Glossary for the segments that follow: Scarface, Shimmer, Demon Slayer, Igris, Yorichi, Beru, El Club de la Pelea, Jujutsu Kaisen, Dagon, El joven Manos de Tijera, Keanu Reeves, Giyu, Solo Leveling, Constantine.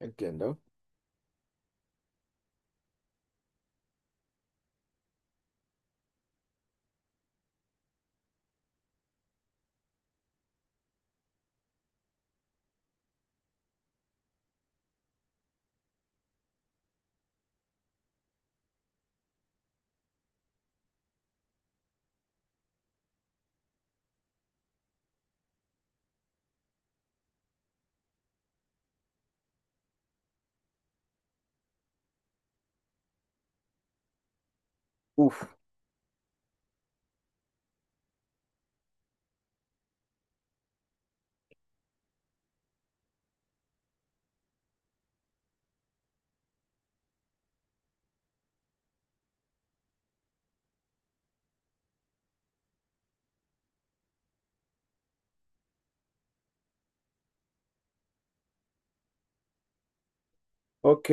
Entiendo. Uf, ok.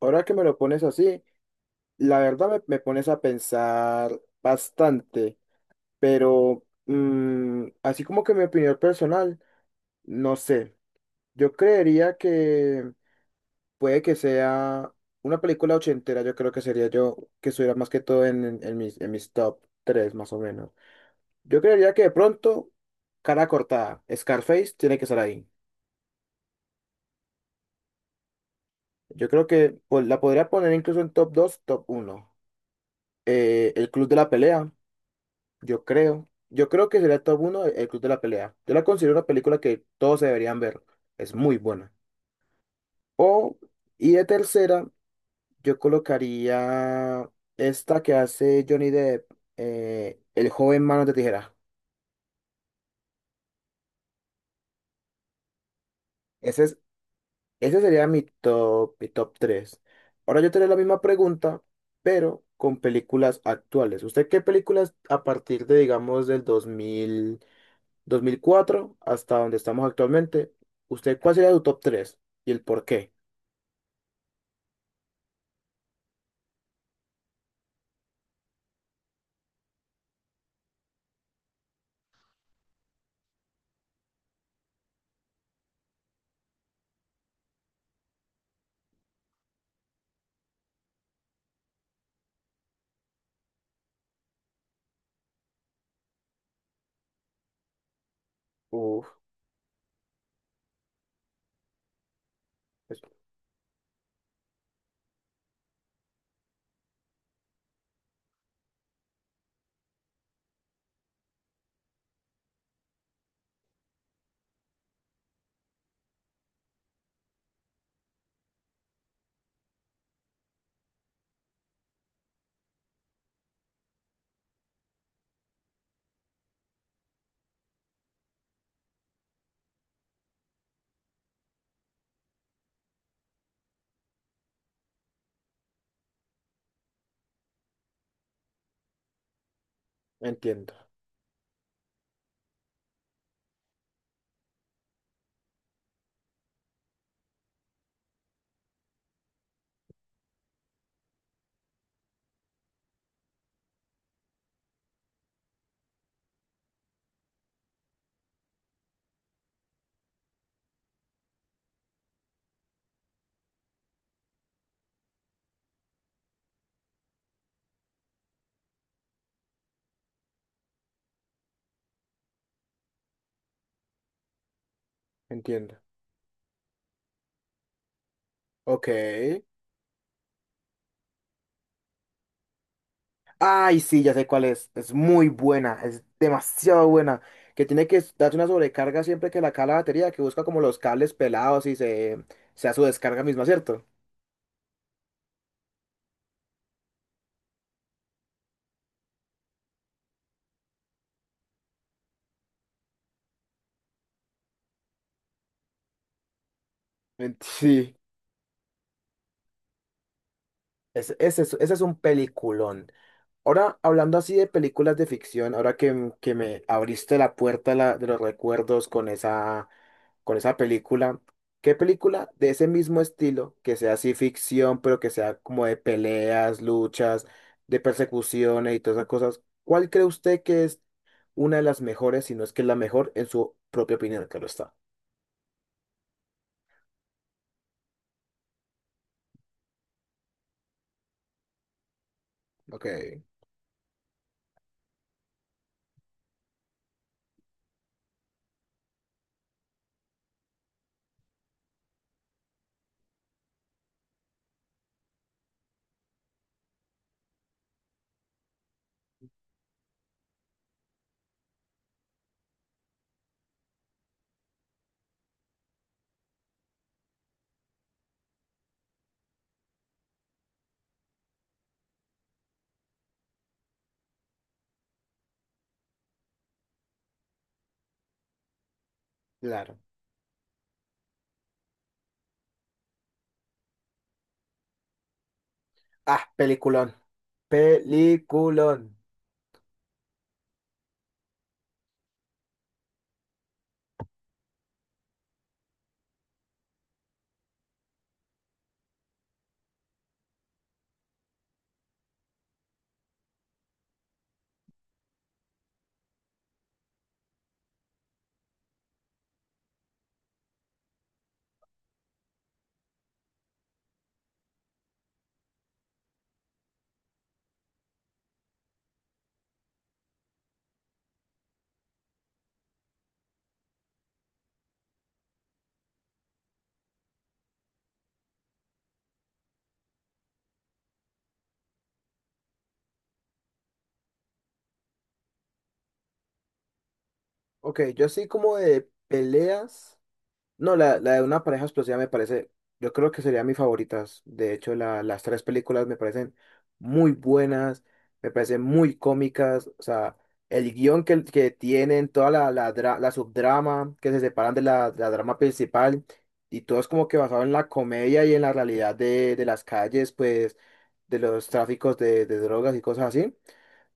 Ahora que me lo pones así, la verdad me pones a pensar bastante, pero así como que mi opinión personal, no sé. Yo creería que puede que sea una película ochentera, yo creo que sería yo que estuviera más que todo en mis top 3 más o menos. Yo creería que de pronto, cara cortada, Scarface tiene que estar ahí. Yo creo que pues, la podría poner incluso en top 2 top uno El Club de la Pelea, yo creo. Yo creo que sería top uno El Club de la Pelea. Yo la considero una película que todos deberían ver. Es muy buena. O, y de tercera, yo colocaría esta que hace Johnny Depp, El joven Manos de Tijera. Ese es, ese sería mi mi top tres. Ahora yo te haré la misma pregunta, pero con películas actuales. ¿Usted qué películas a partir de, digamos, del 2000? Dos mil cuatro hasta donde estamos actualmente, ¿usted cuál sería su top 3 y el por qué? Uf, es- entiendo, entiendo. Ok. Ay, sí, ya sé cuál es. Es muy buena, es demasiado buena. Que tiene que darse una sobrecarga siempre que la cae la batería, que busca como los cables pelados se da su descarga misma, ¿cierto? Sí. Ese es ese es un peliculón. Ahora, hablando así de películas de ficción, ahora que me abriste la puerta de los recuerdos con esa película. ¿Qué película de ese mismo estilo, que sea así ficción, pero que sea como de peleas, luchas, de persecuciones y todas esas cosas? ¿Cuál cree usted que es una de las mejores, si no es que es la mejor, en su propia opinión? Claro está. Ok. Claro. Ah, peliculón. Peliculón. Ok, yo así como de peleas. No, la de una pareja explosiva me parece, yo creo que sería mi favorita. De hecho, las tres películas me parecen muy buenas, me parecen muy cómicas. O sea, el guión que tienen, toda la subdrama que se separan de la drama principal y todo es como que basado en la comedia y en la realidad de las calles, pues, de los tráficos de drogas y cosas así.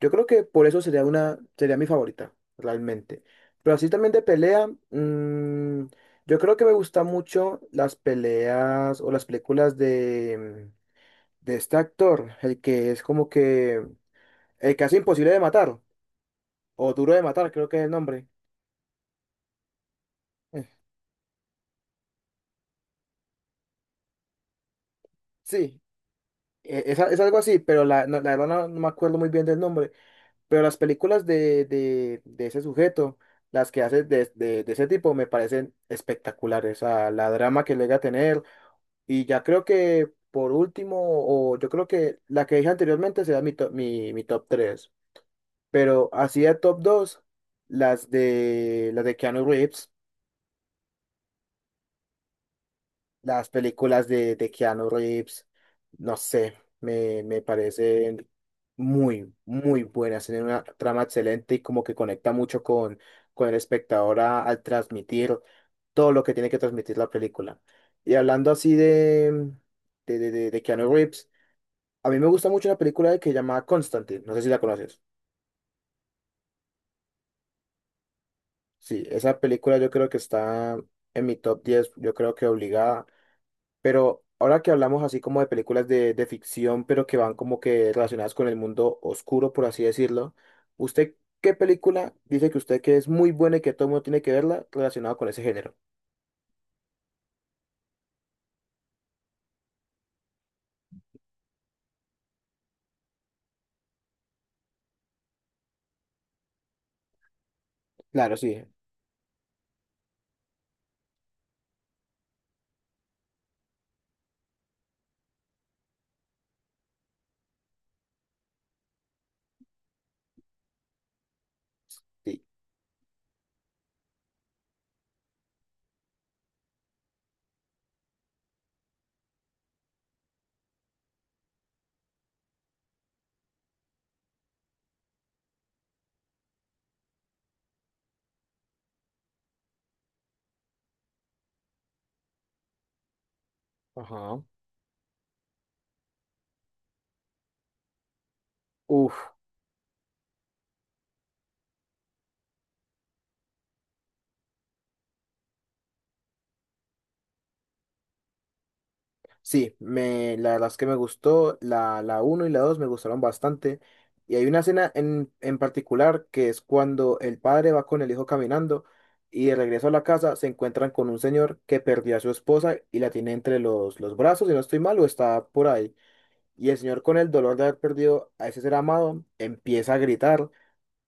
Yo creo que por eso sería sería mi favorita, realmente. Pero así también de pelea. Yo creo que me gustan mucho las peleas o las películas de este actor, el que es como que el que hace imposible de matar, o duro de matar, creo que es el nombre. Eh, Sí, es algo así, pero la verdad no me acuerdo muy bien del nombre. Pero las películas de ese sujeto, las que hace de ese tipo, me parecen espectaculares. O sea, la drama que llega a tener. Y ya creo que por último, o yo creo que la que dije anteriormente será mi top 3. Pero así de top 2 las las de Keanu Reeves, las películas de Keanu Reeves, no sé, me parecen muy, muy buenas. Tienen una trama excelente y como que conecta mucho con el espectador al transmitir todo lo que tiene que transmitir la película. Y hablando así de Keanu Reeves, a mí me gusta mucho una película que se llama Constantine, no sé si la conoces. Sí, esa película yo creo que está en mi top 10 yo creo que obligada, pero ahora que hablamos así como de películas de ficción, pero que van como que relacionadas con el mundo oscuro, por así decirlo, ¿usted qué película dice que usted que es muy buena y que todo el mundo tiene que verla relacionada con ese género? Claro, sí, sí. Ajá. Uf. Sí, la verdad es que me gustó, la uno y la 2 me gustaron bastante. Y hay una escena en particular que es cuando el padre va con el hijo caminando y de regreso a la casa se encuentran con un señor que perdió a su esposa y la tiene entre los brazos, si no estoy mal, o está por ahí. Y el señor con el dolor de haber perdido a ese ser amado empieza a gritar,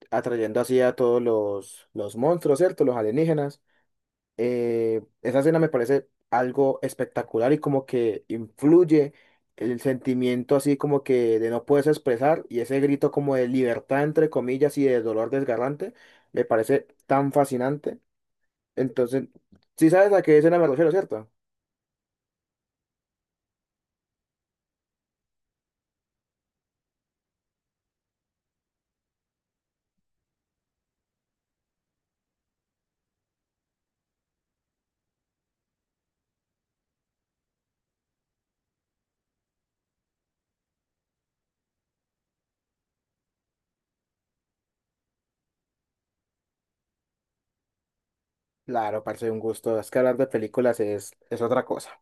atrayendo así a todos los monstruos, ¿cierto? Los alienígenas esa escena me parece algo espectacular y como que influye el sentimiento así como que de no puedes expresar y ese grito como de libertad entre comillas y de dolor desgarrante me parece tan fascinante. Entonces, si sabes a qué escena me refiero, ¿cierto? Claro, parece un gusto. Es que hablar de películas es otra cosa.